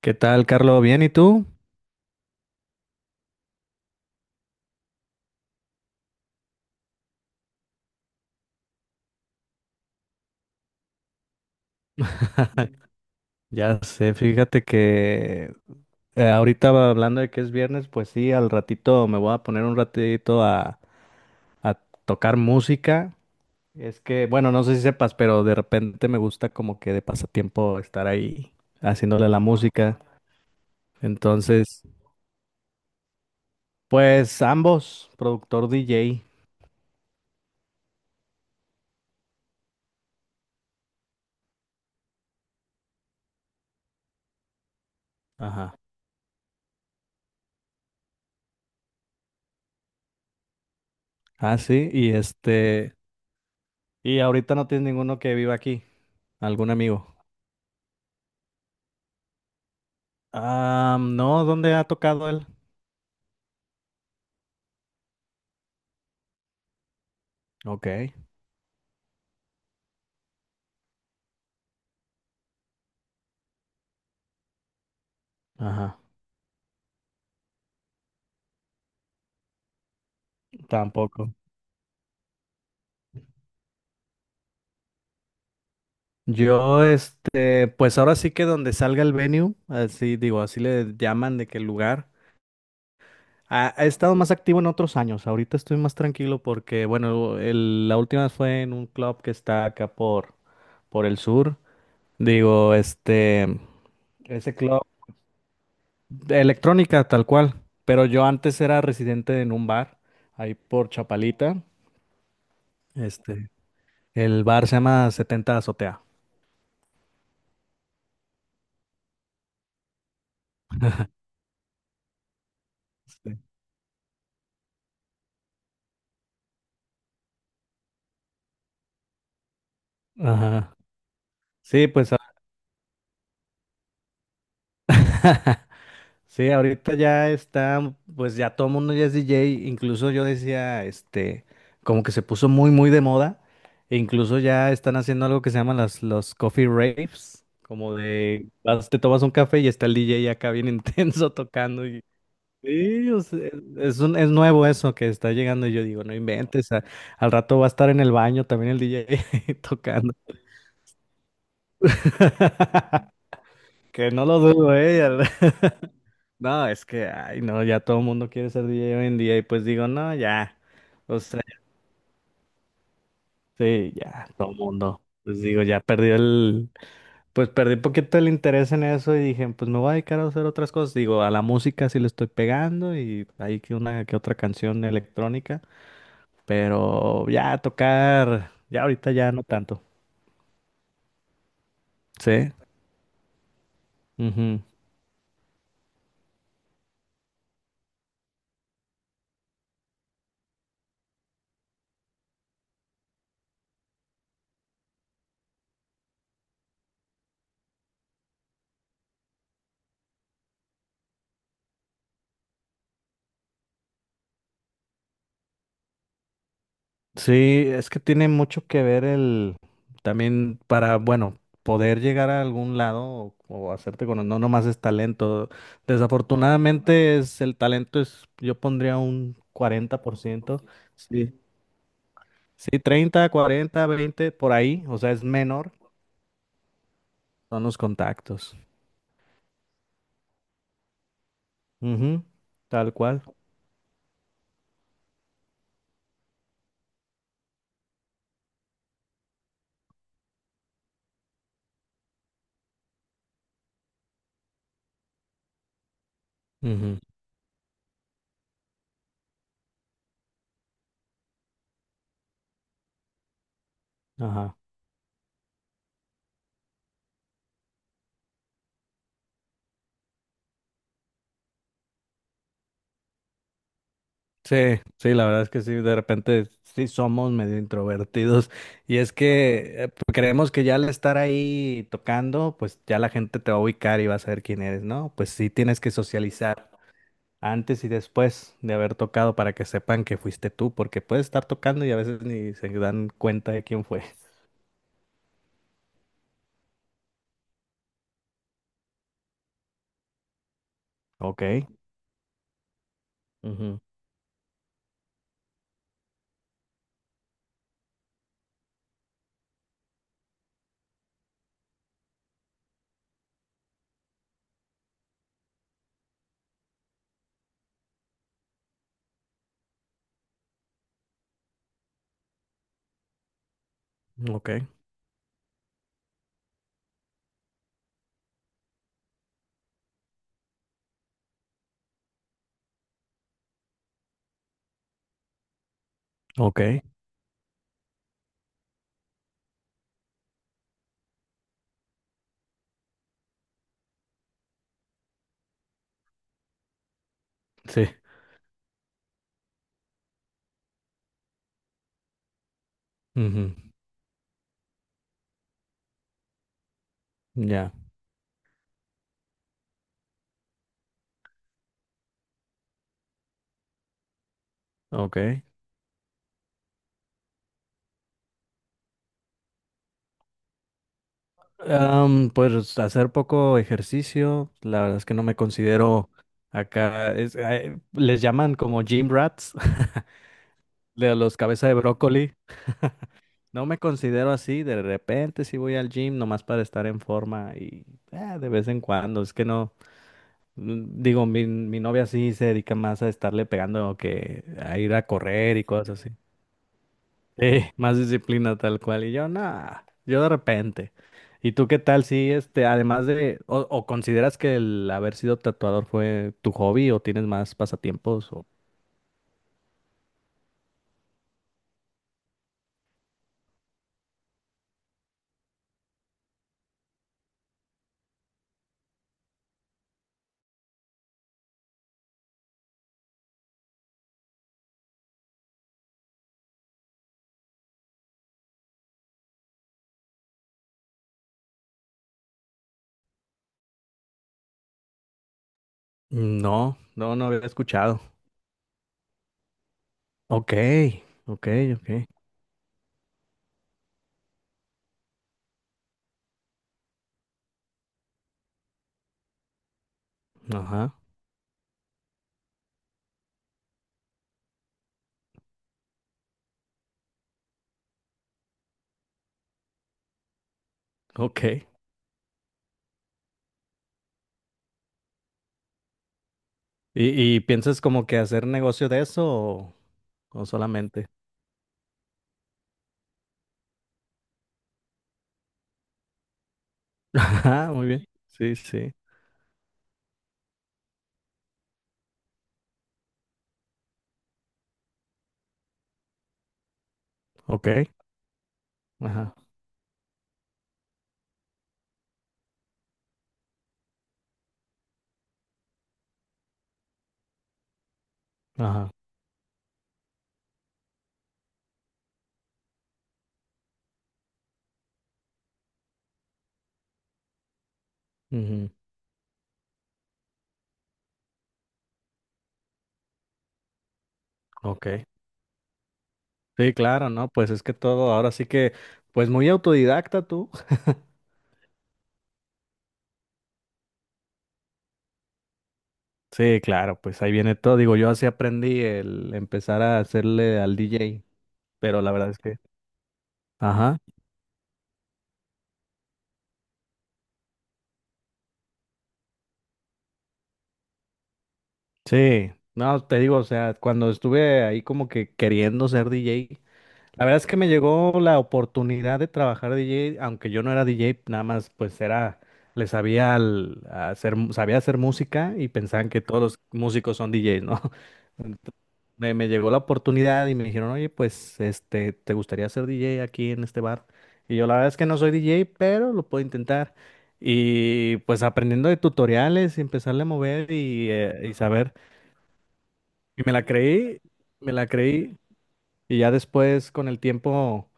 ¿Qué tal, Carlos? ¿Bien y tú? Ya sé, fíjate que ahorita hablando de que es viernes, pues sí, al ratito me voy a poner un ratito a tocar música. Es que, bueno, no sé si sepas, pero de repente me gusta como que de pasatiempo estar ahí haciéndole la música. Entonces, pues ambos, productor DJ. Ajá. Ah, sí, y este, y ahorita no tienes ninguno que viva aquí, algún amigo. Ah, no, ¿dónde ha tocado él? Ok, ajá, tampoco. Yo, este, pues ahora sí que donde salga el venue, así digo, así le llaman de qué lugar. Ha, he estado más activo en otros años. Ahorita estoy más tranquilo porque, bueno, la última fue en un club que está acá por el sur. Digo, este, ese club de electrónica tal cual. Pero yo antes era residente en un bar ahí por Chapalita. Este, el bar se llama Setenta Azotea. Sí. Ajá. Sí, pues sí, ahorita ya está, pues ya todo el mundo ya es DJ, incluso yo decía, este, como que se puso muy, muy de moda, e incluso ya están haciendo algo que se llaman los coffee raves, como de, vas, te tomas un café y está el DJ acá bien intenso tocando y... Sí, o sea, es nuevo eso que está llegando y yo digo, no inventes, al rato va a estar en el baño también el DJ tocando, que no lo dudo, eh. No, es que, ay, no, ya todo el mundo quiere ser DJ hoy en día y pues digo, no, ya, o sea, sí, ya, todo el mundo, pues digo, ya perdí el, pues perdí un poquito el interés en eso y dije, pues me voy a dedicar a hacer otras cosas, digo, a la música sí le estoy pegando y hay que una que otra canción electrónica, pero ya tocar, ya ahorita ya no tanto, sí. Sí, es que tiene mucho que ver el también para, bueno, poder llegar a algún lado o hacerte con, no nomás es talento. Desafortunadamente es el talento es yo pondría un 40%. Sí. Sí, 30 40 20 por ahí, o sea, es menor, son los contactos. Ujú, tal cual. Ujú, ajá. Sí, sí, la verdad es que sí, de repente sí somos medio introvertidos y es que creemos que ya al estar ahí tocando, pues ya la gente te va a ubicar y va a saber quién eres, ¿no? Pues sí tienes que socializar antes y después de haber tocado para que sepan que fuiste tú, porque puedes estar tocando y a veces ni se dan cuenta de quién fue. Ok, ujú, ok, ok, sí, ujú, ya, ok. Pues hacer poco ejercicio, la verdad es que no me considero acá, les llaman como gym rats, de los cabeza de brócoli. No me considero así, de repente sí voy al gym nomás para estar en forma y de vez en cuando, es que no, digo, mi novia sí se dedica más a estarle pegando que a ir a correr y cosas así. Sí, más disciplina tal cual. Y yo, nada, yo de repente. ¿Y tú qué tal si, este, además o consideras que el haber sido tatuador fue tu hobby o tienes más pasatiempos? O... No, no, no había escuchado. Ok, ok, ok. Ajá, ok. ¿Y piensas como que hacer negocio de eso o solamente? Ajá, muy bien. Sí, sí. Ok. Ajá, ajá. Ujú, ok. Sí, claro, ¿no? Pues es que todo, ahora sí que, pues muy autodidacta tú. Sí, claro, pues ahí viene todo. Digo, yo así aprendí el empezar a hacerle al DJ, pero la verdad es que... Ajá. Sí, no, te digo, o sea, cuando estuve ahí como que queriendo ser DJ, la verdad es que me llegó la oportunidad de trabajar de DJ, aunque yo no era DJ, nada más pues era, le sabía al- a hacer, sabía hacer música y pensaban que todos los músicos son DJs, ¿no? Ent- me llegó la oportunidad y me dijeron, oye, pues este, ¿te gustaría ser DJ aquí en este bar? Y yo la verdad es que no soy DJ, pero lo puedo intentar. Y pues aprendiendo de tutoriales y empezarle a mover y saber. Y me la creí, me la creí. Y ya después con el tiempo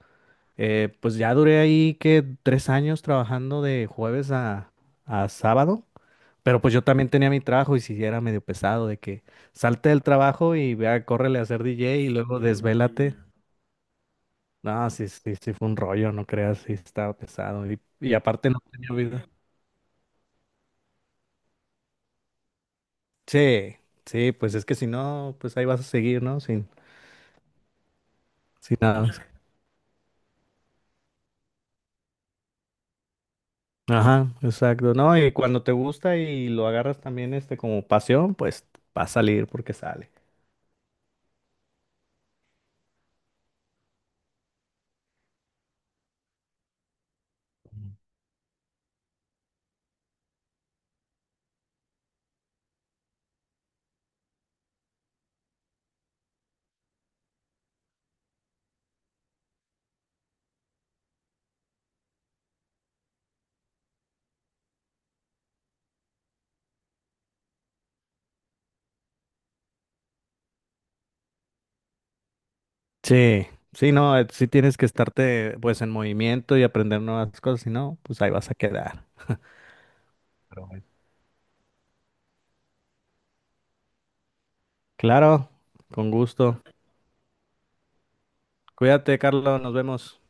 pues ya duré ahí que 3 años trabajando de jueves a sábado, pero pues yo también tenía mi trabajo y si era medio pesado de que salte del trabajo y vea, córrele a ser DJ y luego desvélate. Mm, no, sí, sí, sí fue un rollo, no creas, sí estaba pesado y aparte no tenía vida. Sí, sí, pues es que si no, pues ahí vas a seguir, ¿no? Sin, sin nada. Ajá, exacto, ¿no? Y cuando te gusta y lo agarras también este como pasión, pues va a salir porque sale. Sí, sí, no, sí tienes que estarte pues en movimiento y aprender nuevas cosas, si no, pues ahí vas a quedar. Pero bueno, claro, con gusto. Cuídate, Carlos, nos vemos.